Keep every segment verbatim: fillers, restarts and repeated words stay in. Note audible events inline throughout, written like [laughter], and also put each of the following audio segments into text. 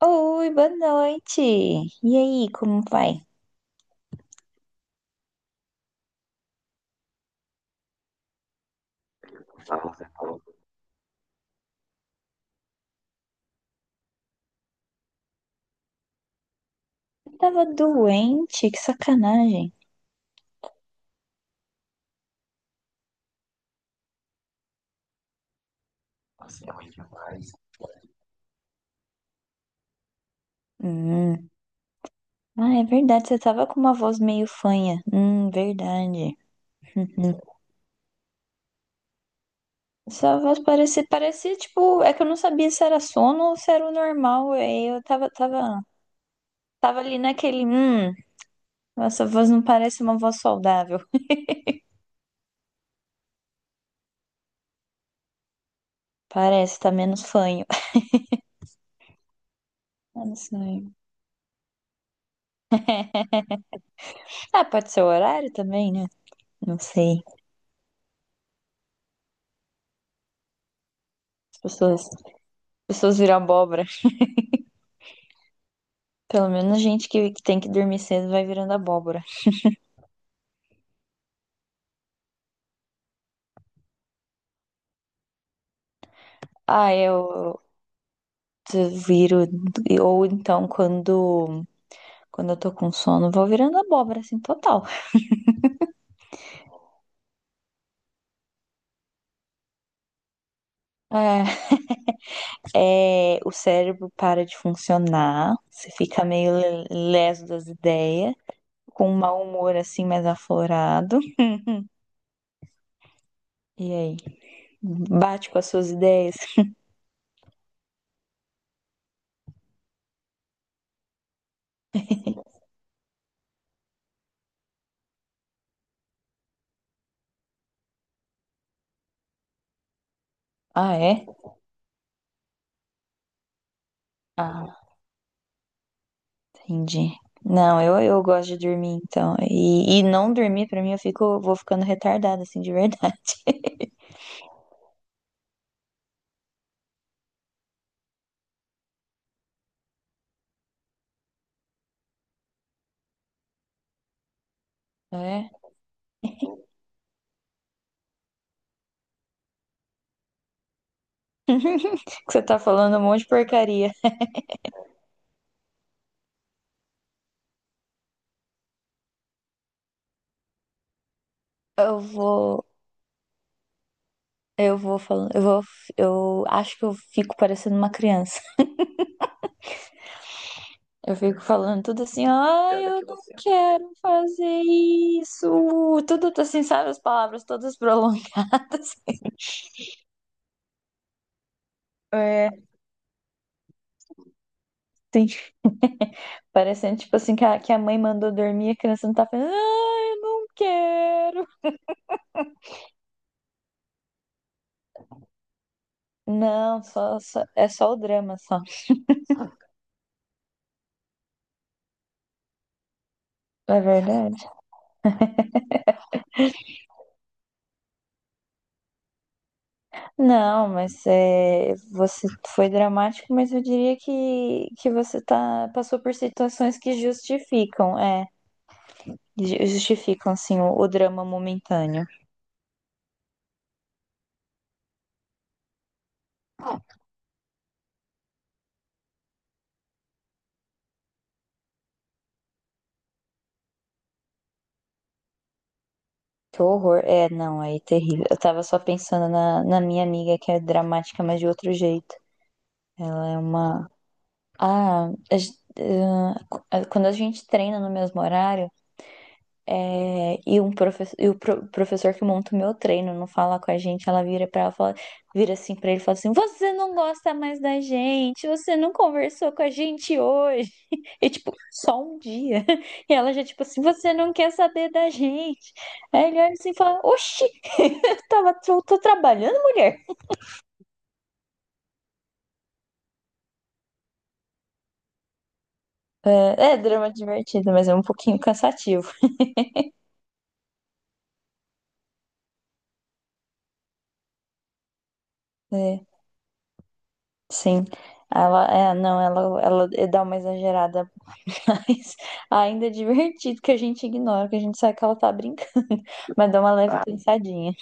Oi, boa noite. E aí, como vai? Eu tava doente, que sacanagem. Nossa, é ruim demais. Hum. Ah, é verdade, você tava com uma voz meio fanha. Hum, verdade. [laughs] Uhum. Sua voz parecia, parecia tipo, é que eu não sabia se era sono ou se era o normal. aí Eu tava, tava, tava ali naquele, hum, essa voz não parece uma voz saudável. Parece, tá menos fanho. [laughs] Ah, não sei. Ah, pode ser o horário também, né? Não sei. As pessoas, as pessoas viram abóbora. Pelo menos gente que, que tem que dormir cedo vai virando abóbora. Ah, eu eu viro. Ou então, quando, quando eu tô com sono, vou virando abóbora, assim, total. É, é, o cérebro para de funcionar, você fica meio le- leso das ideias, com um mau humor, assim, mais aflorado. E aí? Bate com as suas ideias? Ah, é? Ah, Entendi. Não, eu, eu gosto de dormir, então. E, e não dormir, pra mim, eu fico, vou ficando retardada, assim, de verdade. [laughs] É. [laughs] Que Você tá falando um monte de porcaria. Eu vou, eu vou falando, eu vou, eu acho que eu fico parecendo uma criança. Eu fico falando tudo assim, ai, Piada eu que não você. Quero fazer isso. Tudo assim, sabe? As palavras todas prolongadas. [laughs] É, Sim. Parecendo tipo assim que a, que a mãe mandou dormir, a criança não tá falando, ai, eu não quero. Não, só, só- é só o drama, só. É verdade. Não, mas é, você foi dramático, mas eu diria que, que você tá, passou por situações que justificam. É. Ju- Justificam, assim, o, o drama momentâneo. Que horror. É, não, aí é terrível. Eu tava só pensando na, na minha amiga, que é dramática, mas de outro jeito. Ela é uma. Ah, a gen- ah, qu- ah, quando a gente treina no mesmo horário. É, e, um professor, e o pro- professor que monta o meu treino não fala com a gente, ela vira para ela, fala, vira assim para ele e fala assim: Você não gosta mais da gente, você não conversou com a gente hoje. [laughs] E tipo, só um dia. [laughs] E ela já, tipo assim, você não quer saber da gente. Aí ele olha assim e fala: Oxi, [laughs] eu tava, tô, tô trabalhando, mulher. É, é drama divertido, mas é um pouquinho cansativo. É. Sim, ela é, não, ela, ela é, dá uma exagerada, [laughs] mas ainda é divertido que a gente ignora, que a gente sabe que ela tá brincando, [laughs] mas dá uma leve, Claro. pensadinha.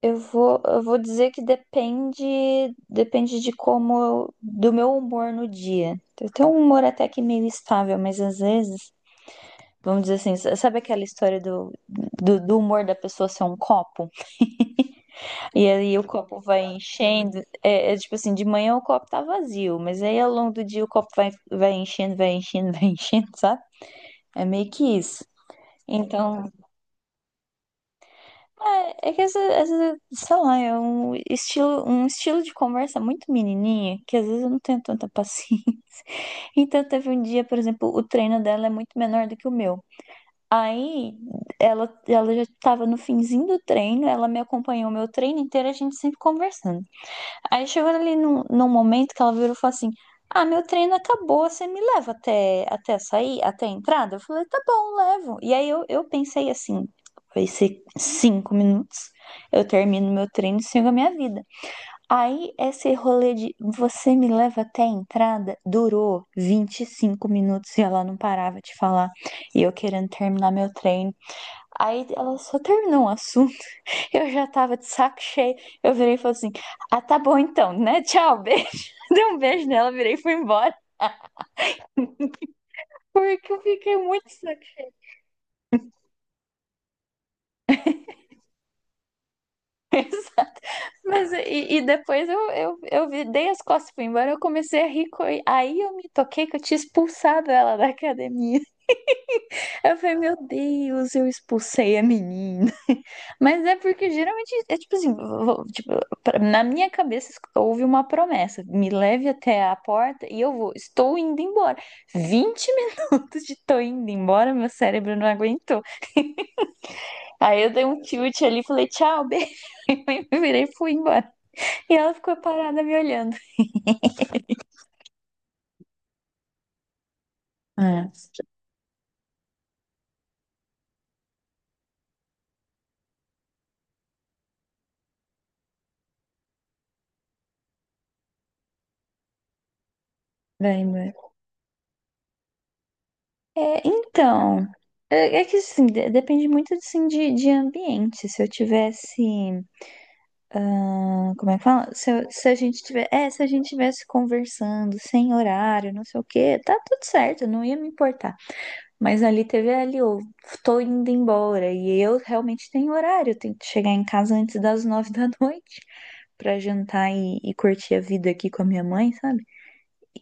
Eu vou, eu vou dizer que depende, depende de como, eu- do meu humor no dia. Eu tenho um humor até que meio estável, mas às vezes, vamos dizer assim, sabe aquela história do, do, do humor da pessoa ser um copo? E aí o copo vai enchendo. É, é tipo assim, de manhã o copo tá vazio, mas aí ao longo do dia o copo vai, vai enchendo, vai enchendo, [laughs] vai enchendo, sabe? É meio que isso. Então, é, é que essa, essa, sei lá, é um estilo, um estilo de conversa muito menininha, que às vezes eu não tenho tanta paciência. [laughs] Então, teve um dia, por exemplo, o treino dela é muito menor do que o meu. Aí, ela, ela já estava no finzinho do treino, ela me acompanhou o meu treino inteiro, a gente sempre conversando. Aí chegou ali num, num momento que ela virou e falou assim: Ah, meu treino acabou, você me leva até, até sair, até a entrada? Eu falei: Tá bom, levo. E aí eu, eu pensei assim: Vai ser cinco minutos, eu termino meu treino e sigo a minha vida. Aí esse rolê de você me leva até a entrada durou vinte e cinco minutos e ela não parava de falar, e eu querendo terminar meu treino. Aí ela só terminou o assunto. Eu já tava de saco cheio. Eu virei e falei assim: Ah, tá bom então, né? Tchau, beijo. [laughs] Dei um beijo nela, virei e fui embora. Porque eu fiquei muito sacada. Mas e, e depois eu, eu, eu vi- dei as costas e fui embora. Eu comecei a rir. co- Aí eu me toquei que eu tinha expulsado ela da academia. Aí Eu falei, meu Deus, eu expulsei a menina. [laughs] Mas é porque geralmente é tipo assim, vo- vo- tipo, pra- na minha cabeça houve uma promessa. Me leve até a porta e eu vou. Estou indo embora. vinte [laughs] minutos de tô indo embora, meu cérebro não aguentou. Aí eu dei um tilt ali e falei, tchau, beijo. [laughs] E me virei e fui embora. E ela ficou parada me olhando. Ah, vai embora. É, então, é, é que assim, de- depende muito assim, de, de ambiente. Se eu tivesse. Ah, Como é que fala? Se, eu- se a gente tiver, é, se a gente tivesse conversando sem horário, não sei o quê, tá tudo certo, não ia me importar. Mas ali teve é, ali, eu tô indo embora e eu realmente tenho horário, eu tenho que chegar em casa antes das [laughs] nove da noite pra jantar e, e curtir a vida aqui com a minha mãe, sabe?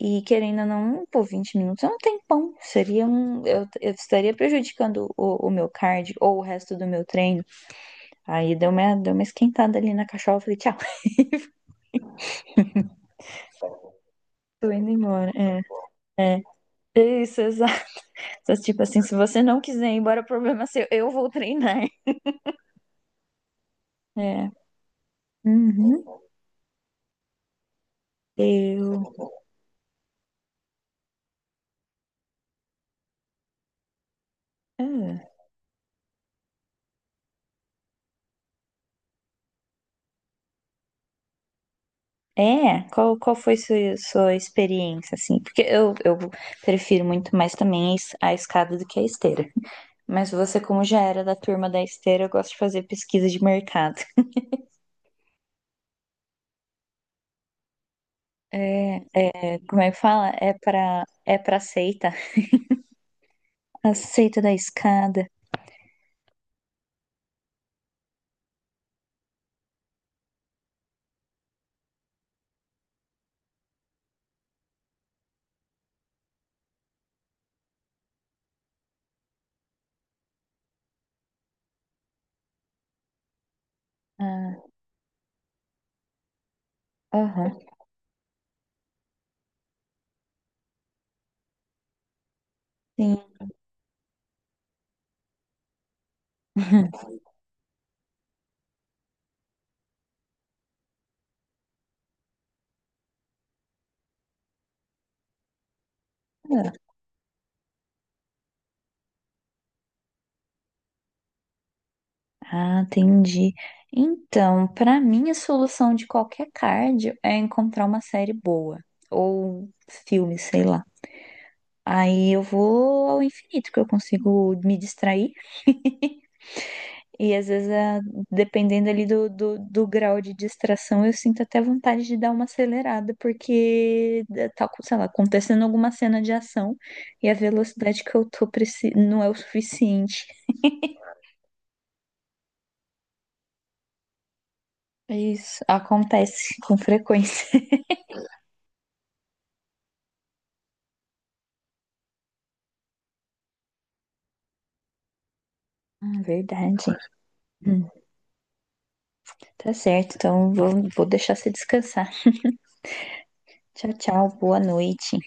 E querendo ou não, pô, vinte minutos é um tempão. Seria um, eu, eu estaria prejudicando o, o meu cardio ou o resto do meu treino. Aí deu uma, deu uma esquentada ali na cachola, eu falei, tchau, [laughs] tô indo embora. É. É. Isso, exato. [laughs] Tipo assim, se você não quiser ir embora, o problema é seu. Eu vou treinar. [laughs] É. Uhum. Eu. Ah. É, qual, qual foi sua, sua experiência, assim? Porque eu, eu prefiro muito mais também a es- a escada do que a esteira. Mas você, como já era da turma da esteira, eu gosto de fazer pesquisa de mercado. É, é, como é que fala? É pra, é pra seita. A seita da escada. Ah, aham, sim. [laughs] Ah, entendi. Então, para mim, a solução de qualquer cardio é encontrar uma série boa ou filme, sei lá. Aí eu vou ao infinito, que eu consigo me distrair. E às vezes, a- dependendo ali do, do, do grau de distração, eu sinto até vontade de dar uma acelerada, porque eh, tá, sei lá, acontecendo alguma cena de ação e a velocidade que eu tô preci- não é o suficiente. É Isso acontece com frequência. [laughs] Ah, Verdade. Hum, tá certo, então vou, vou deixar você descansar. Tchau, tchau, boa noite.